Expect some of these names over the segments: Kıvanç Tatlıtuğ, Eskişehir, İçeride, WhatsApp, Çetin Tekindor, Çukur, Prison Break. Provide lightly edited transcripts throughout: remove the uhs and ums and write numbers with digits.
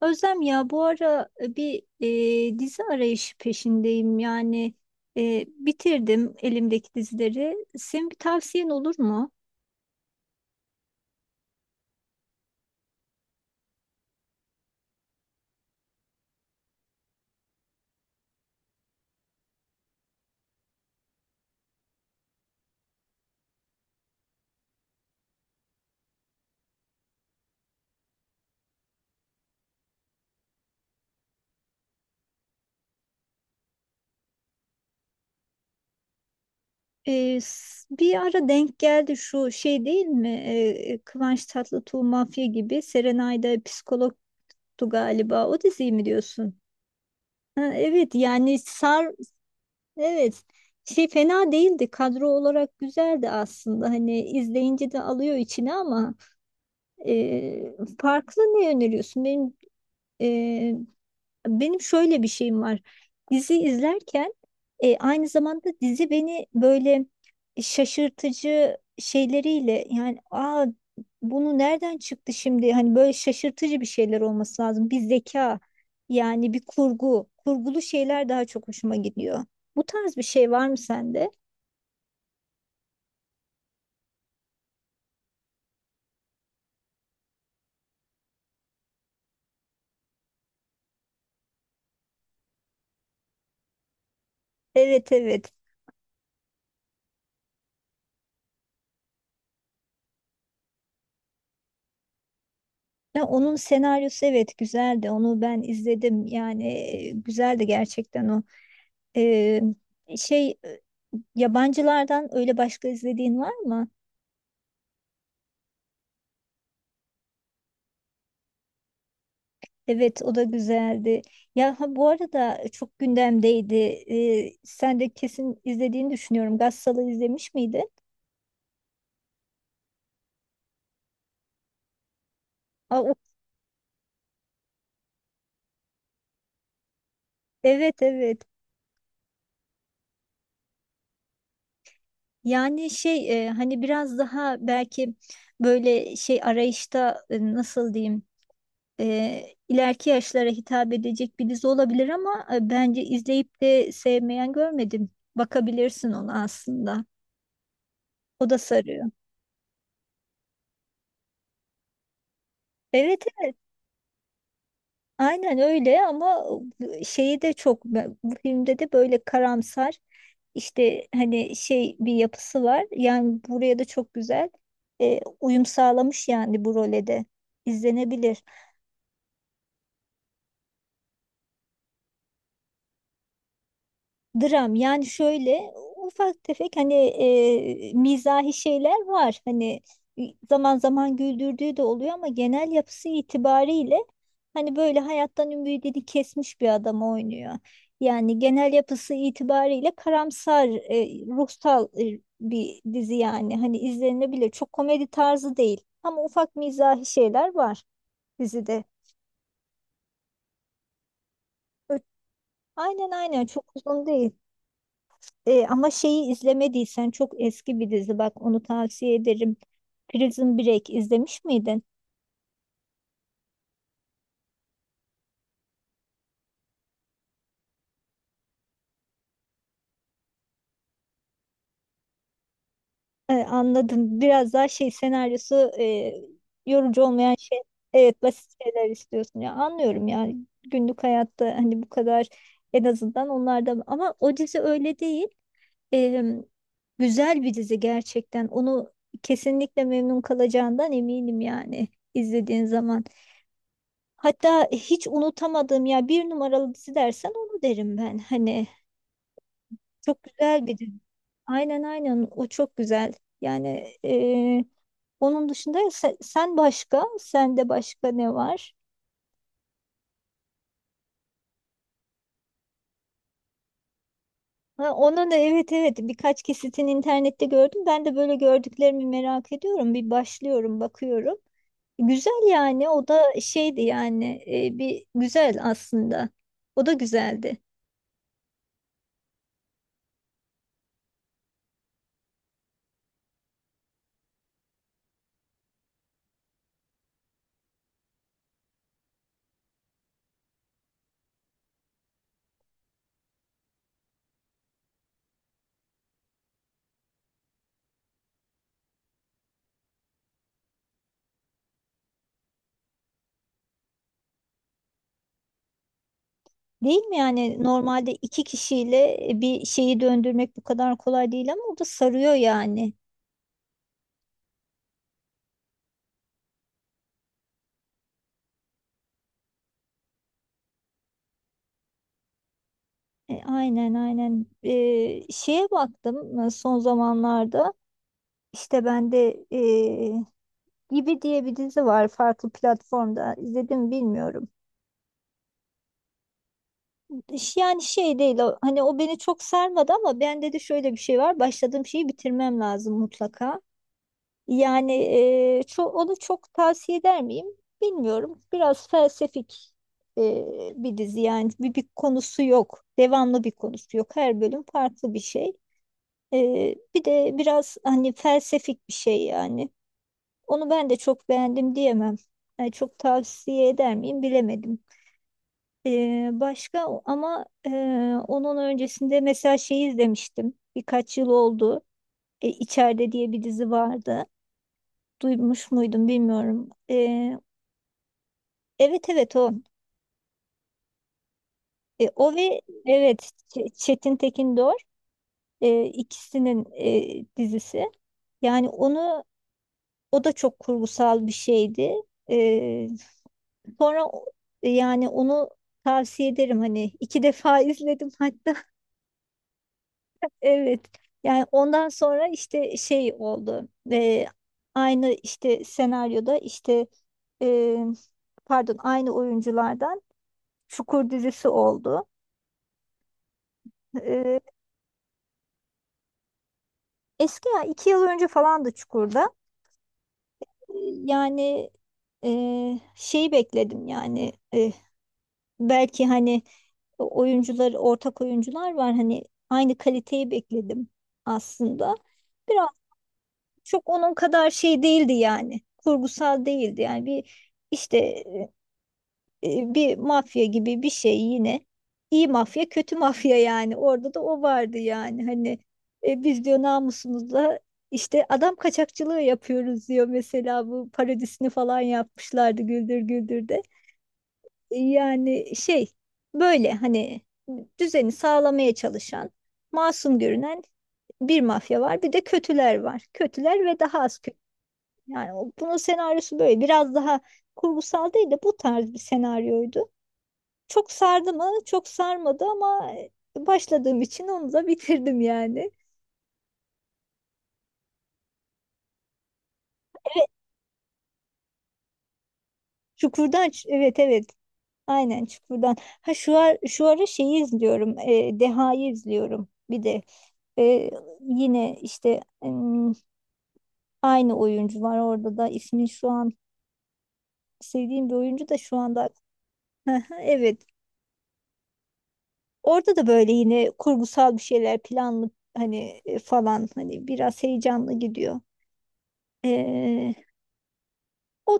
Özlem ya bu ara bir dizi arayışı peşindeyim. Yani bitirdim elimdeki dizileri. Senin bir tavsiyen olur mu? Bir ara denk geldi şu şey değil mi? Kıvanç Tatlıtuğ Mafya gibi, Serenay'da psikologtu galiba. O diziyi mi diyorsun? Ha, evet yani evet, şey fena değildi. Kadro olarak güzeldi aslında. Hani izleyince de alıyor içine ama farklı ne öneriyorsun? Ee, benim şöyle bir şeyim var. Dizi izlerken aynı zamanda dizi beni böyle şaşırtıcı şeyleriyle yani, aa, bunu nereden çıktı şimdi? Hani böyle şaşırtıcı bir şeyler olması lazım. Bir zeka yani bir kurgulu şeyler daha çok hoşuma gidiyor. Bu tarz bir şey var mı sende? Evet, evet. Ya onun senaryosu, evet, güzeldi. Onu ben izledim. Yani güzeldi gerçekten o. Ee, Şey, yabancılardan öyle başka izlediğin var mı? Evet, o da güzeldi. Ya ha, bu arada çok gündemdeydi. Sen de kesin izlediğini düşünüyorum. Gassal'ı izlemiş miydin? Aa, evet, evet. Yani şey, hani biraz daha belki böyle şey arayışta, nasıl diyeyim, e, ileriki yaşlara hitap edecek bir dizi olabilir ama bence izleyip de sevmeyen görmedim. Bakabilirsin ona aslında. O da sarıyor. Evet, evet. Aynen öyle ama şeyi de çok bu filmde de böyle karamsar işte hani şey bir yapısı var. Yani buraya da çok güzel uyum sağlamış yani bu role de izlenebilir. Dram yani şöyle ufak tefek hani mizahi şeyler var. Hani zaman zaman güldürdüğü de oluyor ama genel yapısı itibariyle hani böyle hayattan ümidini kesmiş bir adam oynuyor. Yani genel yapısı itibariyle karamsar, ruhsal, bir dizi yani. Hani izlenebilir. Çok komedi tarzı değil ama ufak mizahi şeyler var dizide. Ö- Aynen, aynen, çok uzun değil. Ama şeyi izlemediysen çok eski bir dizi, bak onu tavsiye ederim. Prison Break izlemiş miydin? Anladım. Biraz daha şey, senaryosu yorucu olmayan şey. Evet, basit şeyler istiyorsun ya, anlıyorum ya, günlük hayatta hani bu kadar, en azından onlarda, ama o dizi öyle değil. E, Güzel bir dizi gerçekten, onu kesinlikle memnun kalacağından eminim yani, izlediğin zaman. Hatta hiç unutamadığım, ya bir numaralı dizi dersen onu derim ben. Hani çok güzel bir dizi. Aynen, aynen, o çok güzel. Yani onun dışında, sen, başka, sende başka ne var? Ha, onun da, evet, evet, birkaç kesitini internette gördüm. Ben de böyle gördüklerimi merak ediyorum. Bir başlıyorum, bakıyorum. Güzel yani, o da şeydi yani, bir güzel aslında. O da güzeldi. Değil mi yani, normalde iki kişiyle bir şeyi döndürmek bu kadar kolay değil ama o da sarıyor yani. Aynen, aynen. Şeye baktım, son zamanlarda, işte ben de, Gibi diye bir dizi var, farklı platformda izledim bilmiyorum. Yani şey değil o, hani o beni çok sarmadı ama bende de şöyle bir şey var, başladığım şeyi bitirmem lazım mutlaka. Yani, onu çok tavsiye eder miyim bilmiyorum. Biraz felsefik, bir dizi yani, bir konusu yok. Devamlı bir konusu yok. Her bölüm farklı bir şey. Bir de biraz hani felsefik bir şey yani. Onu ben de çok beğendim diyemem. Yani çok tavsiye eder miyim bilemedim. Başka ama onun öncesinde mesela şeyi izlemiştim. Birkaç yıl oldu. İçeride diye bir dizi vardı. Duymuş muydum bilmiyorum. Evet, evet, o. O ve evet, Çetin Tekindor, ikisinin dizisi. Yani onu, o da çok kurgusal bir şeydi. Ee, Sonra, yani onu tavsiye ederim hani, iki defa izledim hatta. Evet. Yani ondan sonra işte şey oldu. Aynı işte senaryoda, işte, e, pardon, aynı oyunculardan Çukur dizisi oldu. Ee, Eski ya, 2 yıl önce falan da Çukur'da. Ee, Yani, e, şeyi bekledim yani, belki hani oyuncular, ortak oyuncular var hani, aynı kaliteyi bekledim aslında. Biraz, çok onun kadar şey değildi yani, kurgusal değildi yani, bir işte bir mafya gibi bir şey yine. İyi mafya, kötü mafya yani. Orada da o vardı yani. Hani biz diyor namusumuzla işte adam kaçakçılığı yapıyoruz diyor, mesela bu parodisini falan yapmışlardı Güldür Güldür'de. Yani şey böyle hani düzeni sağlamaya çalışan, masum görünen bir mafya var, bir de kötüler var. Kötüler ve daha az kötü. Yani bunun senaryosu böyle biraz daha kurgusal değil de bu tarz bir senaryoydu. Çok sardı mı? Çok sarmadı ama başladığım için onu da bitirdim yani. Çukurdan, evet, evet. Aynen, Çukurdan. Ha, şu ara şeyi izliyorum. Deha'yı izliyorum. Bir de e, yine işte, aynı oyuncu var orada da, ismin şu an sevdiğim bir oyuncu da şu anda hı hı, evet. Orada da böyle yine kurgusal bir şeyler, planlı hani, falan hani biraz heyecanlı gidiyor. E, o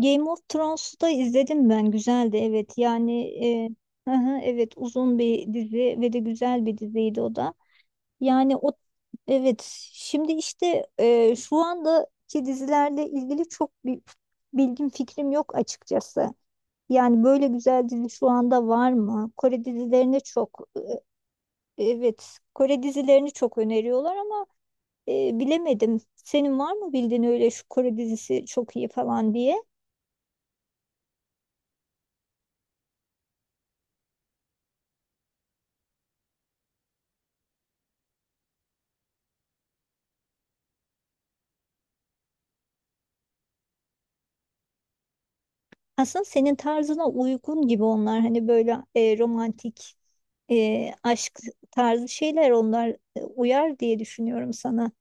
Game of Thrones'u da izledim ben. Güzeldi evet. Yani hı hı, evet, uzun bir dizi ve de güzel bir diziydi o da. Yani o, evet, şimdi işte şu andaki dizilerle ilgili çok bir bilgim, fikrim yok açıkçası. Yani böyle güzel dizi şu anda var mı? Kore dizilerini çok e, Evet, Kore dizilerini çok öneriyorlar ama bilemedim. Senin var mı bildiğin, öyle şu Kore dizisi çok iyi falan diye? Aslında senin tarzına uygun gibi onlar. Hani böyle, romantik, aşk tarzı şeyler onlar, uyar diye düşünüyorum sana.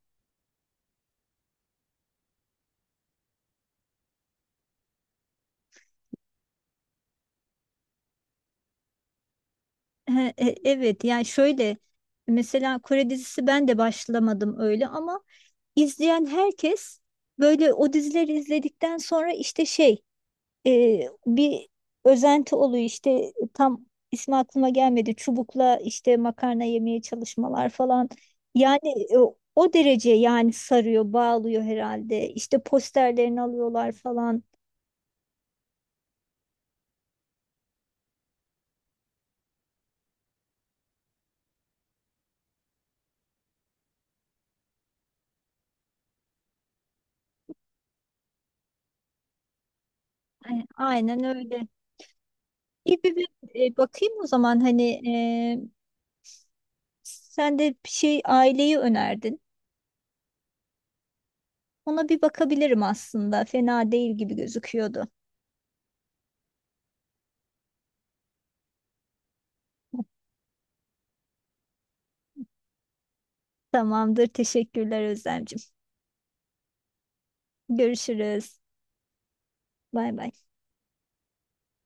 He, evet yani şöyle, mesela Kore dizisi ben de başlamadım öyle ama izleyen herkes böyle o dizileri izledikten sonra işte şey, e, bir özenti oluyor işte, tam ismi aklıma gelmedi, çubukla işte makarna yemeye çalışmalar falan yani, e, o derece yani, sarıyor bağlıyor herhalde, işte posterlerini alıyorlar falan. Aynen öyle. İyi, bir bakayım o zaman, hani sen de bir şey, aileyi önerdin, ona bir bakabilirim, aslında fena değil gibi gözüküyordu. Tamamdır, teşekkürler Özlemciğim, görüşürüz, bay bay.